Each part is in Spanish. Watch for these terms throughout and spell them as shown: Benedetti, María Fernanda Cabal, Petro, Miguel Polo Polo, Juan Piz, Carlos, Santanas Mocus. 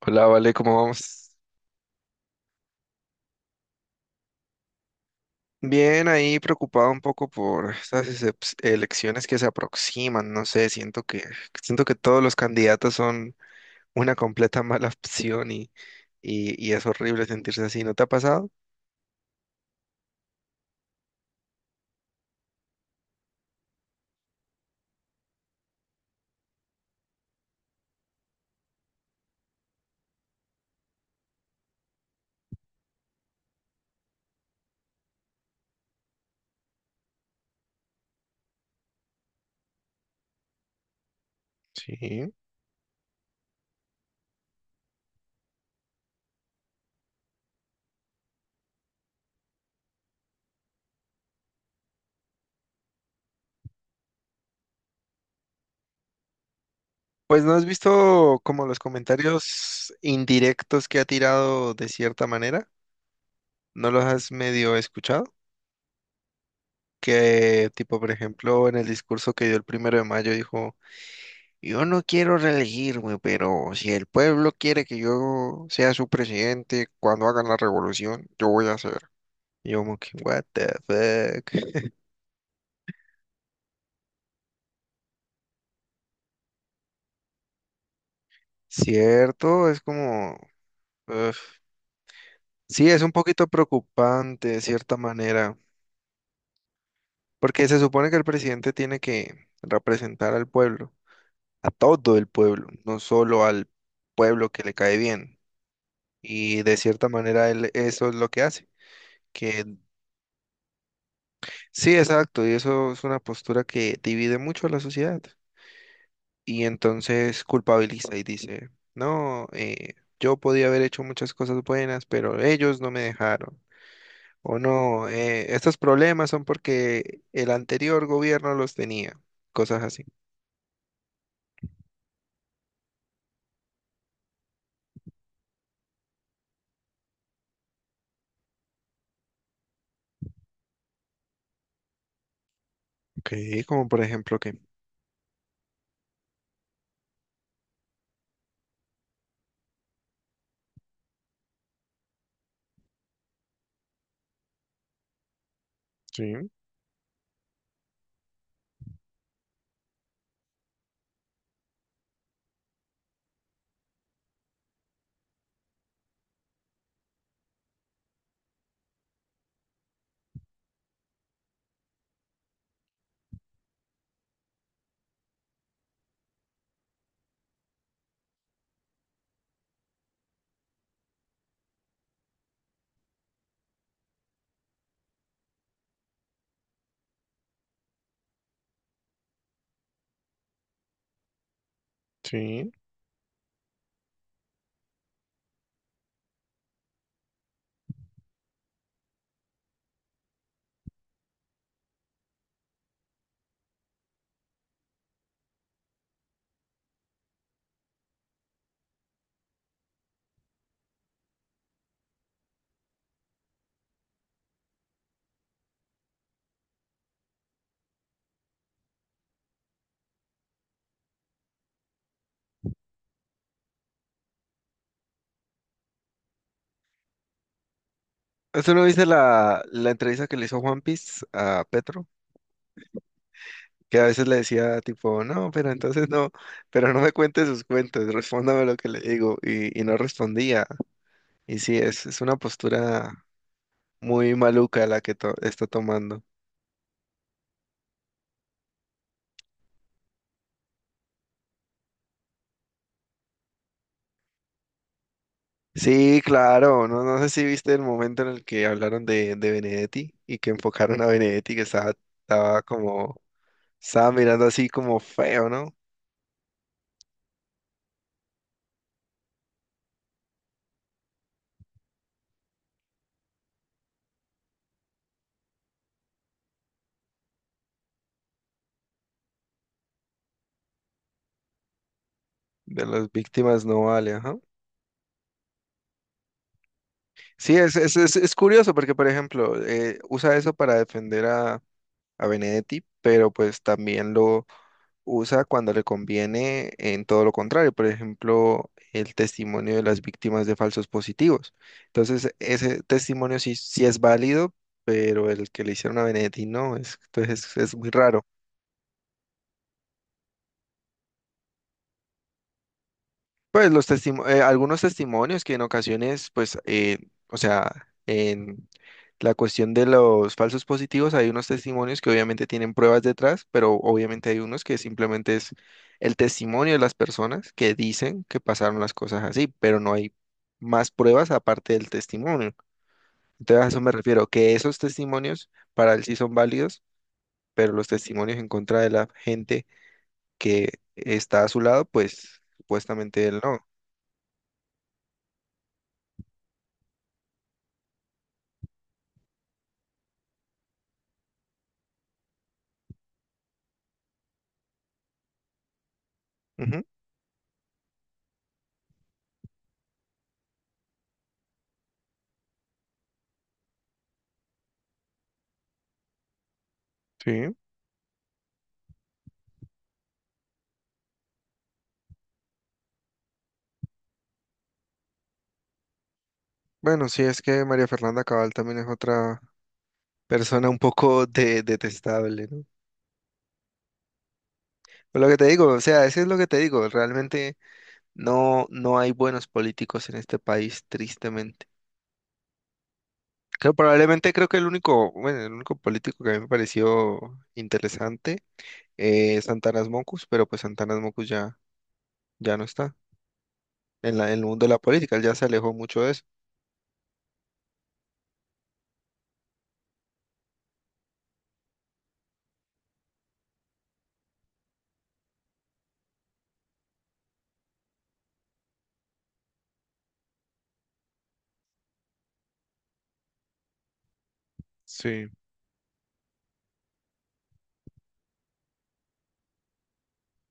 Hola, Vale, ¿cómo vamos? Bien, ahí preocupado un poco por estas elecciones que se aproximan, no sé, siento que todos los candidatos son una completa mala opción y es horrible sentirse así, ¿no te ha pasado? Sí. Pues no has visto como los comentarios indirectos que ha tirado de cierta manera, ¿no los has medio escuchado? Que tipo, por ejemplo, en el discurso que dio el primero de mayo dijo: yo no quiero reelegirme, pero si el pueblo quiere que yo sea su presidente cuando hagan la revolución, yo voy a ser. Y yo como que, what the fuck. Cierto, es como... uf. Sí, es un poquito preocupante de cierta manera, porque se supone que el presidente tiene que representar al pueblo, a todo el pueblo, no solo al pueblo que le cae bien. Y de cierta manera él eso es lo que hace, que sí, exacto, y eso es una postura que divide mucho a la sociedad. Y entonces culpabiliza y dice, no, yo podía haber hecho muchas cosas buenas, pero ellos no me dejaron. O no, estos problemas son porque el anterior gobierno los tenía. Cosas así. Ok, como por ejemplo que... Sí, sí. Eso lo dice la entrevista que le hizo Juan Piz a Petro, que a veces le decía tipo, no, pero entonces no, pero no me cuente sus cuentos, respóndame lo que le digo, y no respondía. Y sí, es una postura muy maluca la que está tomando. Sí, claro, no, no sé si viste el momento en el que hablaron de Benedetti y que enfocaron a Benedetti que estaba, estaba como, estaba mirando así como feo, ¿no? De las víctimas no vale, ajá. Sí, es curioso porque, por ejemplo, usa eso para defender a Benedetti, pero pues también lo usa cuando le conviene en todo lo contrario, por ejemplo, el testimonio de las víctimas de falsos positivos. Entonces, ese testimonio sí, sí es válido, pero el que le hicieron a Benedetti no, es, entonces es muy raro. Pues los algunos testimonios que en ocasiones, pues, o sea, en la cuestión de los falsos positivos, hay unos testimonios que obviamente tienen pruebas detrás, pero obviamente hay unos que simplemente es el testimonio de las personas que dicen que pasaron las cosas así, pero no hay más pruebas aparte del testimonio. Entonces a eso me refiero, que esos testimonios para él sí son válidos, pero los testimonios en contra de la gente que está a su lado, pues supuestamente él no. Ujú. Sí. Bueno, sí, es que María Fernanda Cabal también es otra persona un poco detestable, ¿no? Pero lo que te digo, o sea, eso es lo que te digo, realmente no, no hay buenos políticos en este país, tristemente. Creo, probablemente creo que el único, bueno, el único político que a mí me pareció interesante es Santanas Mocus, pero pues Santanas Mocus ya, ya no está en en el mundo de la política, él ya se alejó mucho de eso. Sí.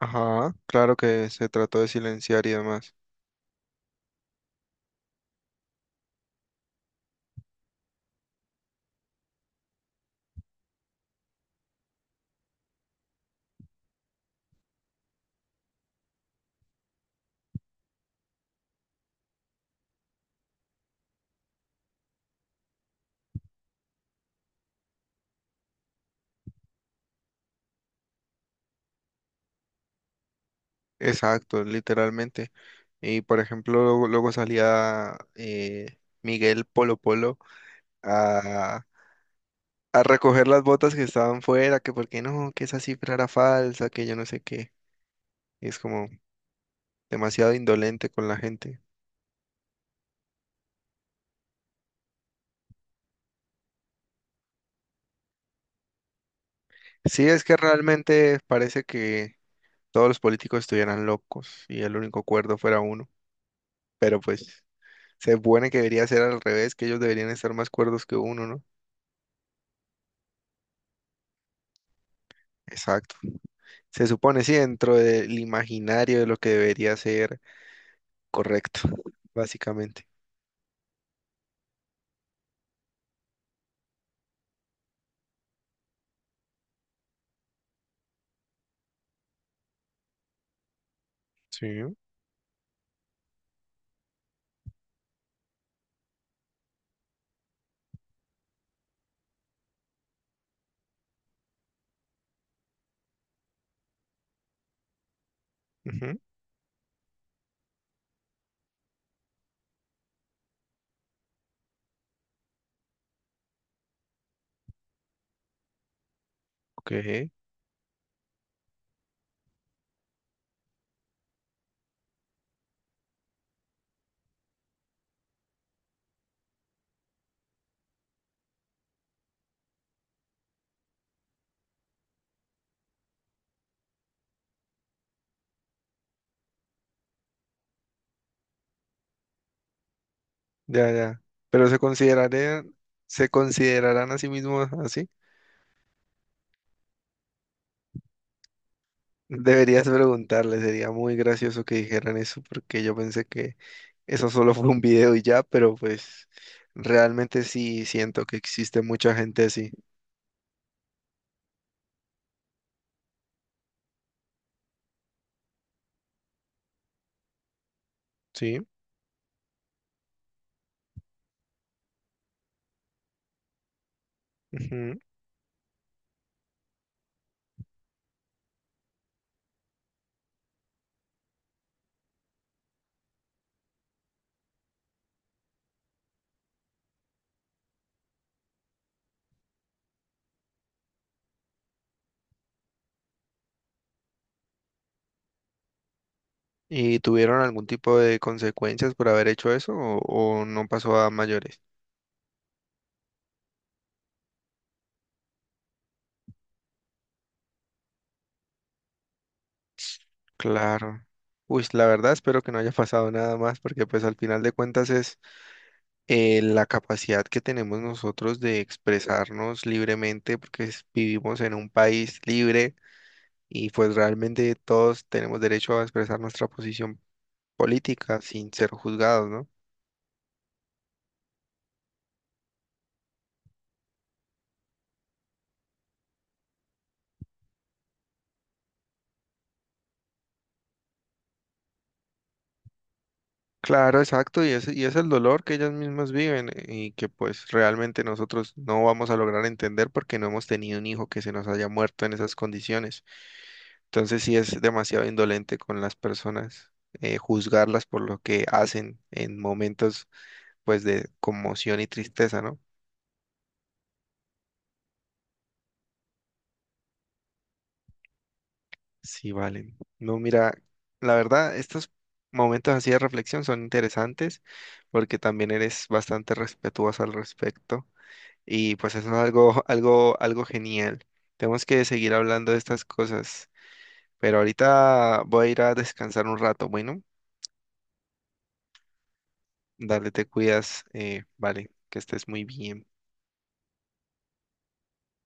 Ajá, claro que se trató de silenciar y demás. Exacto, literalmente. Y por ejemplo, luego, luego salía Miguel Polo Polo a, a recoger las botas que estaban fuera, que porque no, que esa cifra era falsa, que yo no sé qué. Y es como demasiado indolente con la gente. Sí, es que realmente parece que todos los políticos estuvieran locos y el único cuerdo fuera uno. Pero pues se supone que debería ser al revés, que ellos deberían estar más cuerdos que uno, ¿no? Exacto. Se supone, sí, dentro del imaginario de lo que debería ser correcto, básicamente. Sí. Ujú. Ok. Ya, ya. Pero se considerarían, se considerarán a sí mismos así. Deberías preguntarle, sería muy gracioso que dijeran eso, porque yo pensé que eso solo fue un video y ya, pero pues realmente sí siento que existe mucha gente así. Sí. Ujú. ¿Y tuvieron algún tipo de consecuencias por haber hecho eso o no pasó a mayores? Claro. Uy, la verdad espero que no haya pasado nada más porque pues al final de cuentas es la capacidad que tenemos nosotros de expresarnos libremente porque vivimos en un país libre y pues realmente todos tenemos derecho a expresar nuestra posición política sin ser juzgados, ¿no? Claro, exacto, y es el dolor que ellas mismas viven, y que pues realmente nosotros no vamos a lograr entender porque no hemos tenido un hijo que se nos haya muerto en esas condiciones. Entonces sí es demasiado indolente con las personas, juzgarlas por lo que hacen en momentos pues de conmoción y tristeza, ¿no? Sí, valen. No, mira, la verdad, estos momentos así de reflexión son interesantes porque también eres bastante respetuoso al respecto y pues eso es algo, algo genial. Tenemos que seguir hablando de estas cosas, pero ahorita voy a ir a descansar un rato, bueno, dale, te cuidas, vale, que estés muy bien.